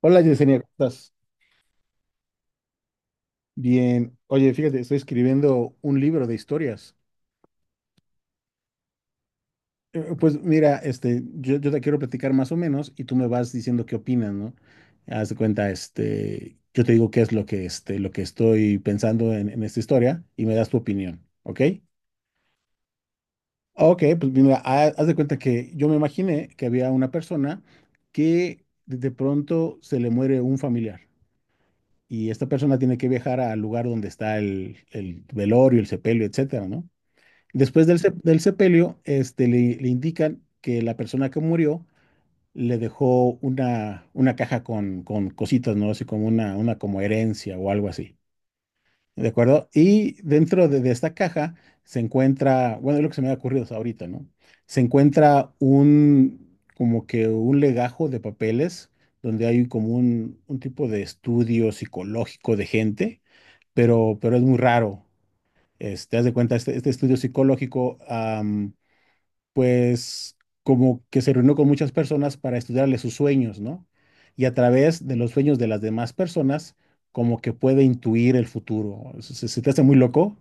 Hola Yesenia, ¿cómo estás? Bien. Oye, fíjate, estoy escribiendo un libro de historias. Pues mira, yo te quiero platicar más o menos y tú me vas diciendo qué opinas, ¿no? Haz de cuenta, yo te digo qué es lo que, lo que estoy pensando en esta historia y me das tu opinión, ¿ok? Ok, pues mira, haz de cuenta que yo me imaginé que había una persona que de pronto se le muere un familiar y esta persona tiene que viajar al lugar donde está el velorio, el sepelio, etcétera, ¿no? Después del sepelio, le indican que la persona que murió le dejó una caja con cositas, ¿no? Así como una como herencia o algo así. ¿De acuerdo? Y dentro de esta caja se encuentra, bueno, es lo que se me ha ocurrido hasta ahorita, ¿no? Se encuentra un, como que un legajo de papeles donde hay como un tipo de estudio psicológico de gente, pero es muy raro. Haz de cuenta, este estudio psicológico, pues como que se reunió con muchas personas para estudiarle sus sueños, ¿no? Y a través de los sueños de las demás personas, como que puede intuir el futuro. ¿Se te hace muy loco?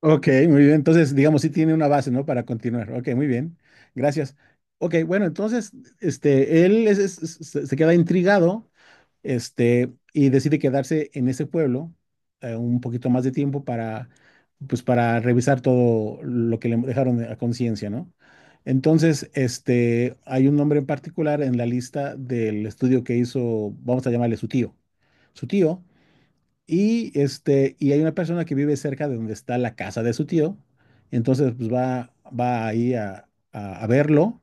Ok, muy bien. Entonces, digamos, sí tiene una base, ¿no? Para continuar. Ok, muy bien. Gracias. Ok, bueno, entonces, él es- se queda intrigado, y decide quedarse en ese pueblo un poquito más de tiempo para, pues, para revisar todo lo que le dejaron a conciencia, ¿no? Entonces, hay un nombre en particular en la lista del estudio que hizo, vamos a llamarle su tío, y y hay una persona que vive cerca de donde está la casa de su tío, entonces, pues, va ahí a verlo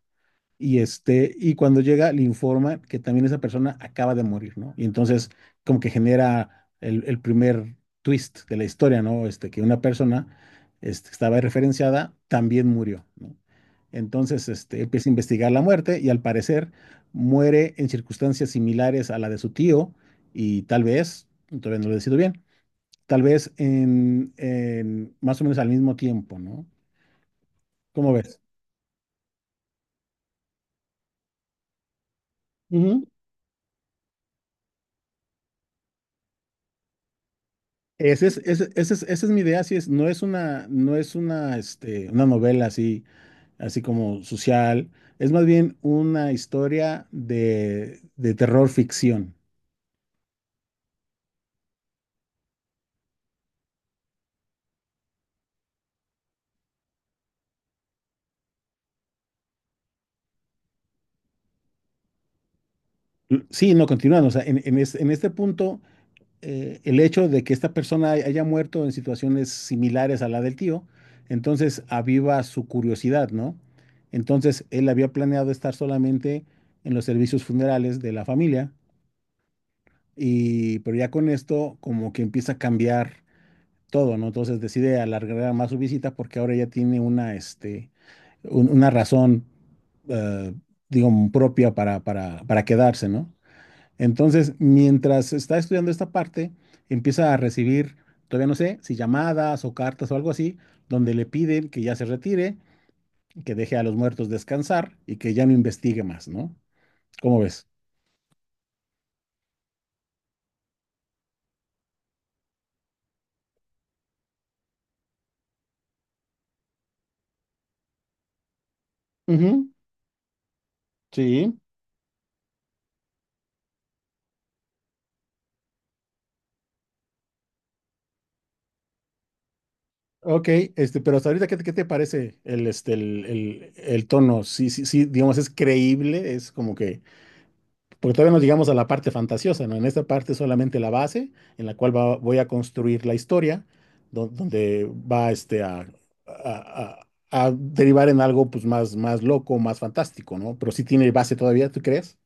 y y cuando llega, le informa que también esa persona acaba de morir, ¿no? Y entonces, como que genera el primer twist de la historia, ¿no? Que una persona estaba referenciada, también murió, ¿no? Entonces, empieza a investigar la muerte y al parecer muere en circunstancias similares a la de su tío y tal vez, todavía no lo decido bien, tal vez en más o menos al mismo tiempo, ¿no? ¿Cómo ves? Ese es, ese es, esa es mi idea, así es, no es una, no es una, una novela así, así como social, es más bien una historia de terror ficción. Sí, no, continúan. O sea, en este punto, el hecho de que esta persona haya muerto en situaciones similares a la del tío, entonces aviva su curiosidad, ¿no? Entonces, él había planeado estar solamente en los servicios funerales de la familia. Y, pero ya con esto, como que empieza a cambiar todo, ¿no? Entonces decide alargar más su visita porque ahora ya tiene una, una razón, eh, digo, propia para quedarse, ¿no? Entonces, mientras está estudiando esta parte, empieza a recibir, todavía no sé, si llamadas o cartas o algo así, donde le piden que ya se retire, que deje a los muertos descansar y que ya no investigue más, ¿no? ¿Cómo ves? Ujú. Sí. Ok, pero hasta ahorita, qué te parece el, el, el tono? Sí, sí, sí, digamos, es creíble, es como que, porque todavía no llegamos a la parte fantasiosa, ¿no? En esta parte solamente la base en la cual voy a construir la historia, donde va a- a derivar en algo pues, más, más loco, más fantástico, ¿no? Pero sí tiene base todavía, ¿tú crees?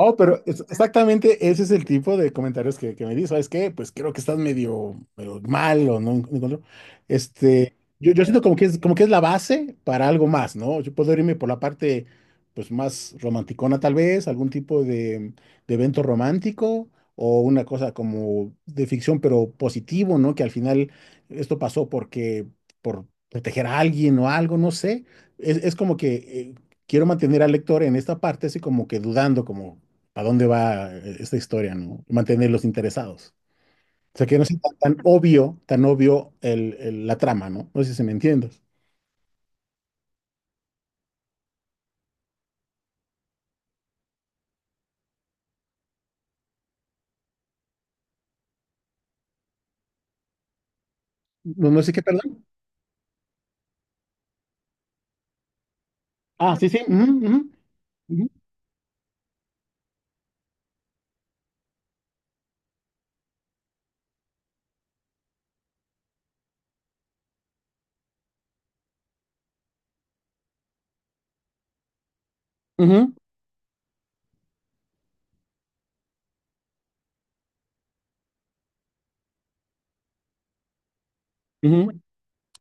Oh, pero exactamente ese es el tipo de comentarios que me dice, ¿sabes qué? Pues creo que estás medio, medio mal o no encuentro. Yo siento como que es la base para algo más, ¿no? Yo puedo irme por la parte, pues más romanticona tal vez, algún tipo de evento romántico o una cosa como de ficción, pero positivo, ¿no? Que al final esto pasó porque, por proteger a alguien o algo, no sé. Es como que quiero mantener al lector en esta parte así como que dudando, como a dónde va esta historia, ¿no? Mantenerlos interesados. O sea, que no sea tan, tan obvio el, la trama, ¿no? No sé si se me entiendes. No, no sé qué, perdón. Ah, sí, sí. Ujú, ujú, ujú, ujú, ujú.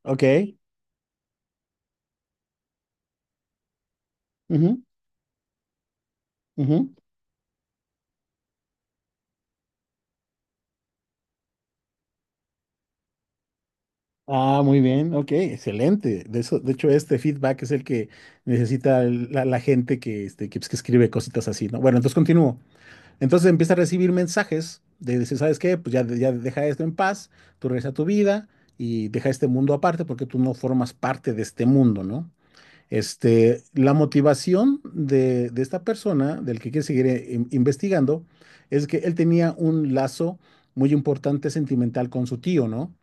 Ok. Ujú, ujú. Ah, muy bien. Ok, excelente. De eso, de hecho, este feedback es el que necesita la, la gente que, que, pues, que escribe cositas así, ¿no? Bueno, entonces continúo. Entonces empieza a recibir mensajes de decir, ¿sabes qué? Pues ya, ya deja esto en paz, tú regresa a tu vida y deja este mundo aparte porque tú no formas parte de este mundo, ¿no? La motivación de esta persona, del que quiere seguir investigando, es que él tenía un lazo muy importante sentimental con su tío, ¿no?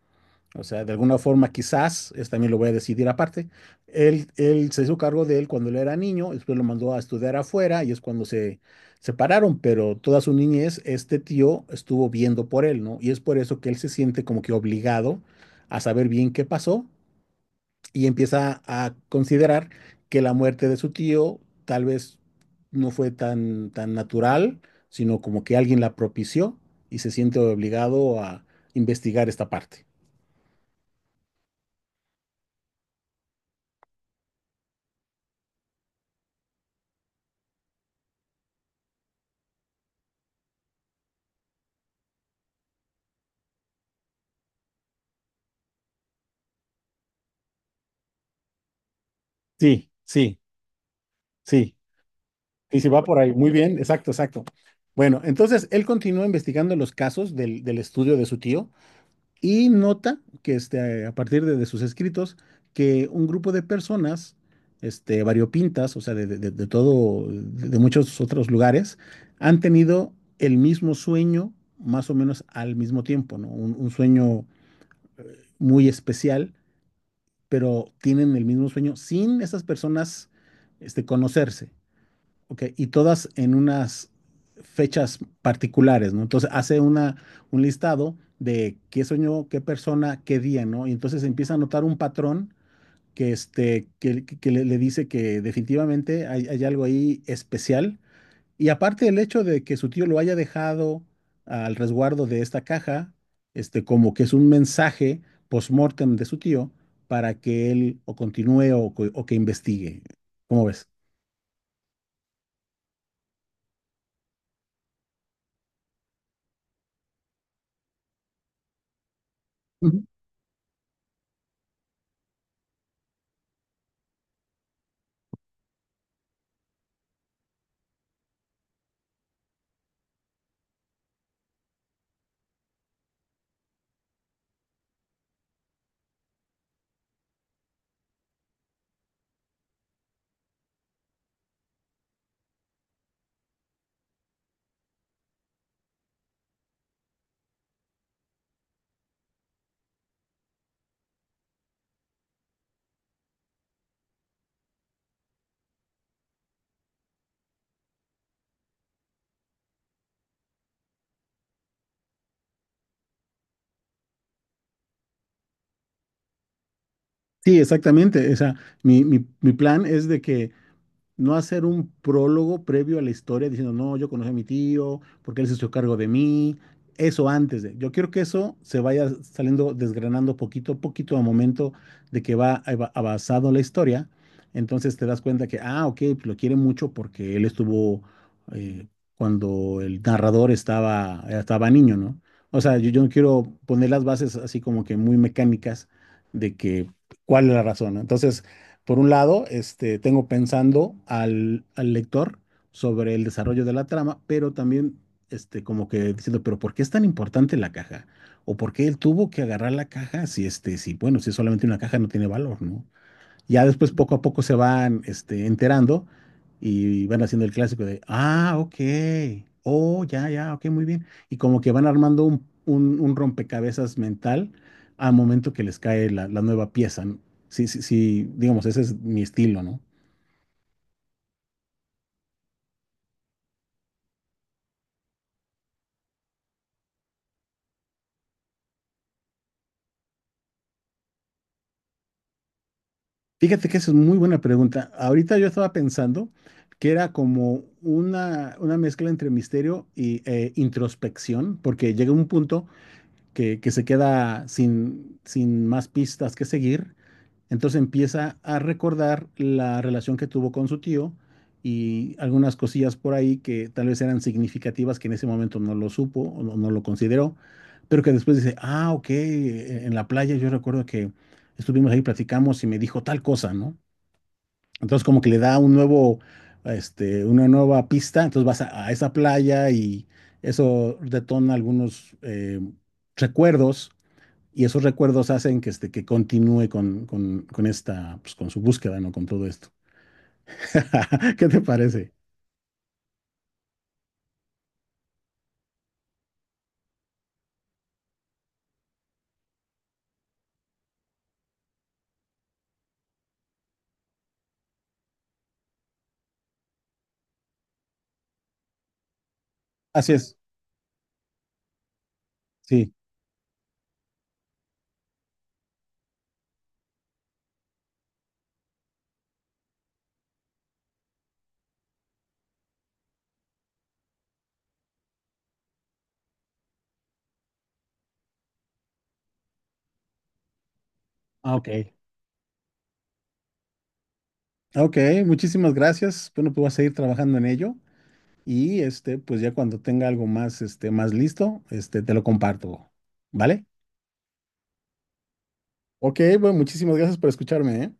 O sea, de alguna forma quizás, es también lo voy a decidir aparte, él se hizo cargo de él cuando él era niño, después lo mandó a estudiar afuera y es cuando se separaron, pero toda su niñez este tío estuvo viendo por él, ¿no? Y es por eso que él se siente como que obligado a saber bien qué pasó y empieza a considerar que la muerte de su tío tal vez no fue tan, tan natural, sino como que alguien la propició y se siente obligado a investigar esta parte. Sí, sí, sí. Y si va por ahí. Muy bien, exacto, exacto. Bueno, entonces él continúa investigando los casos del estudio de su tío. Y nota que a partir de sus escritos que un grupo de personas variopintas, o sea, de todo, de muchos otros lugares, han tenido el mismo sueño más o menos al mismo tiempo, ¿no? Un sueño muy especial, pero tienen el mismo sueño sin esas personas conocerse. Ok, y todas en unas fechas particulares, ¿no? Entonces hace una, un listado de qué soñó, qué persona, qué día, ¿no? Y entonces empieza a notar un patrón que, que le dice que definitivamente hay, hay algo ahí especial. Y aparte el hecho de que su tío lo haya dejado al resguardo de esta caja, como que es un mensaje post-mortem de su tío para que él o continúe o, o que investigue. ¿Cómo ves? Sí, exactamente. O sea, mi plan es de que no hacer un prólogo previo a la historia diciendo, no, yo conocí a mi tío, porque él se hizo cargo de mí. Eso antes de. Yo quiero que eso se vaya saliendo, desgranando poquito a poquito a momento de que va avanzando la historia. Entonces te das cuenta que, ah, ok, pues lo quiere mucho porque él estuvo eh, cuando el narrador estaba niño, ¿no? O sea, yo no quiero poner las bases así como que muy mecánicas de que cuál es la razón, ¿no? Entonces por un lado, tengo pensando al lector sobre el desarrollo de la trama, pero también como que diciendo, pero ¿por qué es tan importante la caja? ¿O por qué él tuvo que agarrar la caja si, si, bueno, si es solamente una caja no tiene valor, ¿no? Ya después poco a poco se van enterando y van haciendo el clásico de, ah, ok, oh, ya, ya, ok, muy bien. Y como que van armando un, un rompecabezas mental al momento que les cae la, la nueva pieza. ¿No? Sí, sí, sí, digamos, ese es mi estilo, ¿no? Fíjate que esa es muy buena pregunta. Ahorita yo estaba pensando que era como una mezcla entre misterio y introspección, porque llega un punto que se queda sin, sin más pistas que seguir. Entonces empieza a recordar la relación que tuvo con su tío y algunas cosillas por ahí que tal vez eran significativas que en ese momento no lo supo o no, no lo consideró, pero que después dice, ah, ok, en la playa yo recuerdo que estuvimos ahí, platicamos y me dijo tal cosa, ¿no? Entonces como que le da un nuevo, una nueva pista, entonces vas a esa playa y eso detona algunos recuerdos y esos recuerdos hacen que, que continúe con esta, pues, con su búsqueda, ¿no? Con todo esto. ¿Qué te parece? Así es, sí. Ah, ok. Ok, muchísimas gracias. Bueno, pues voy a seguir trabajando en ello y pues ya cuando tenga algo más, más listo, te lo comparto, ¿vale? Ok, bueno, muchísimas gracias por escucharme, ¿eh?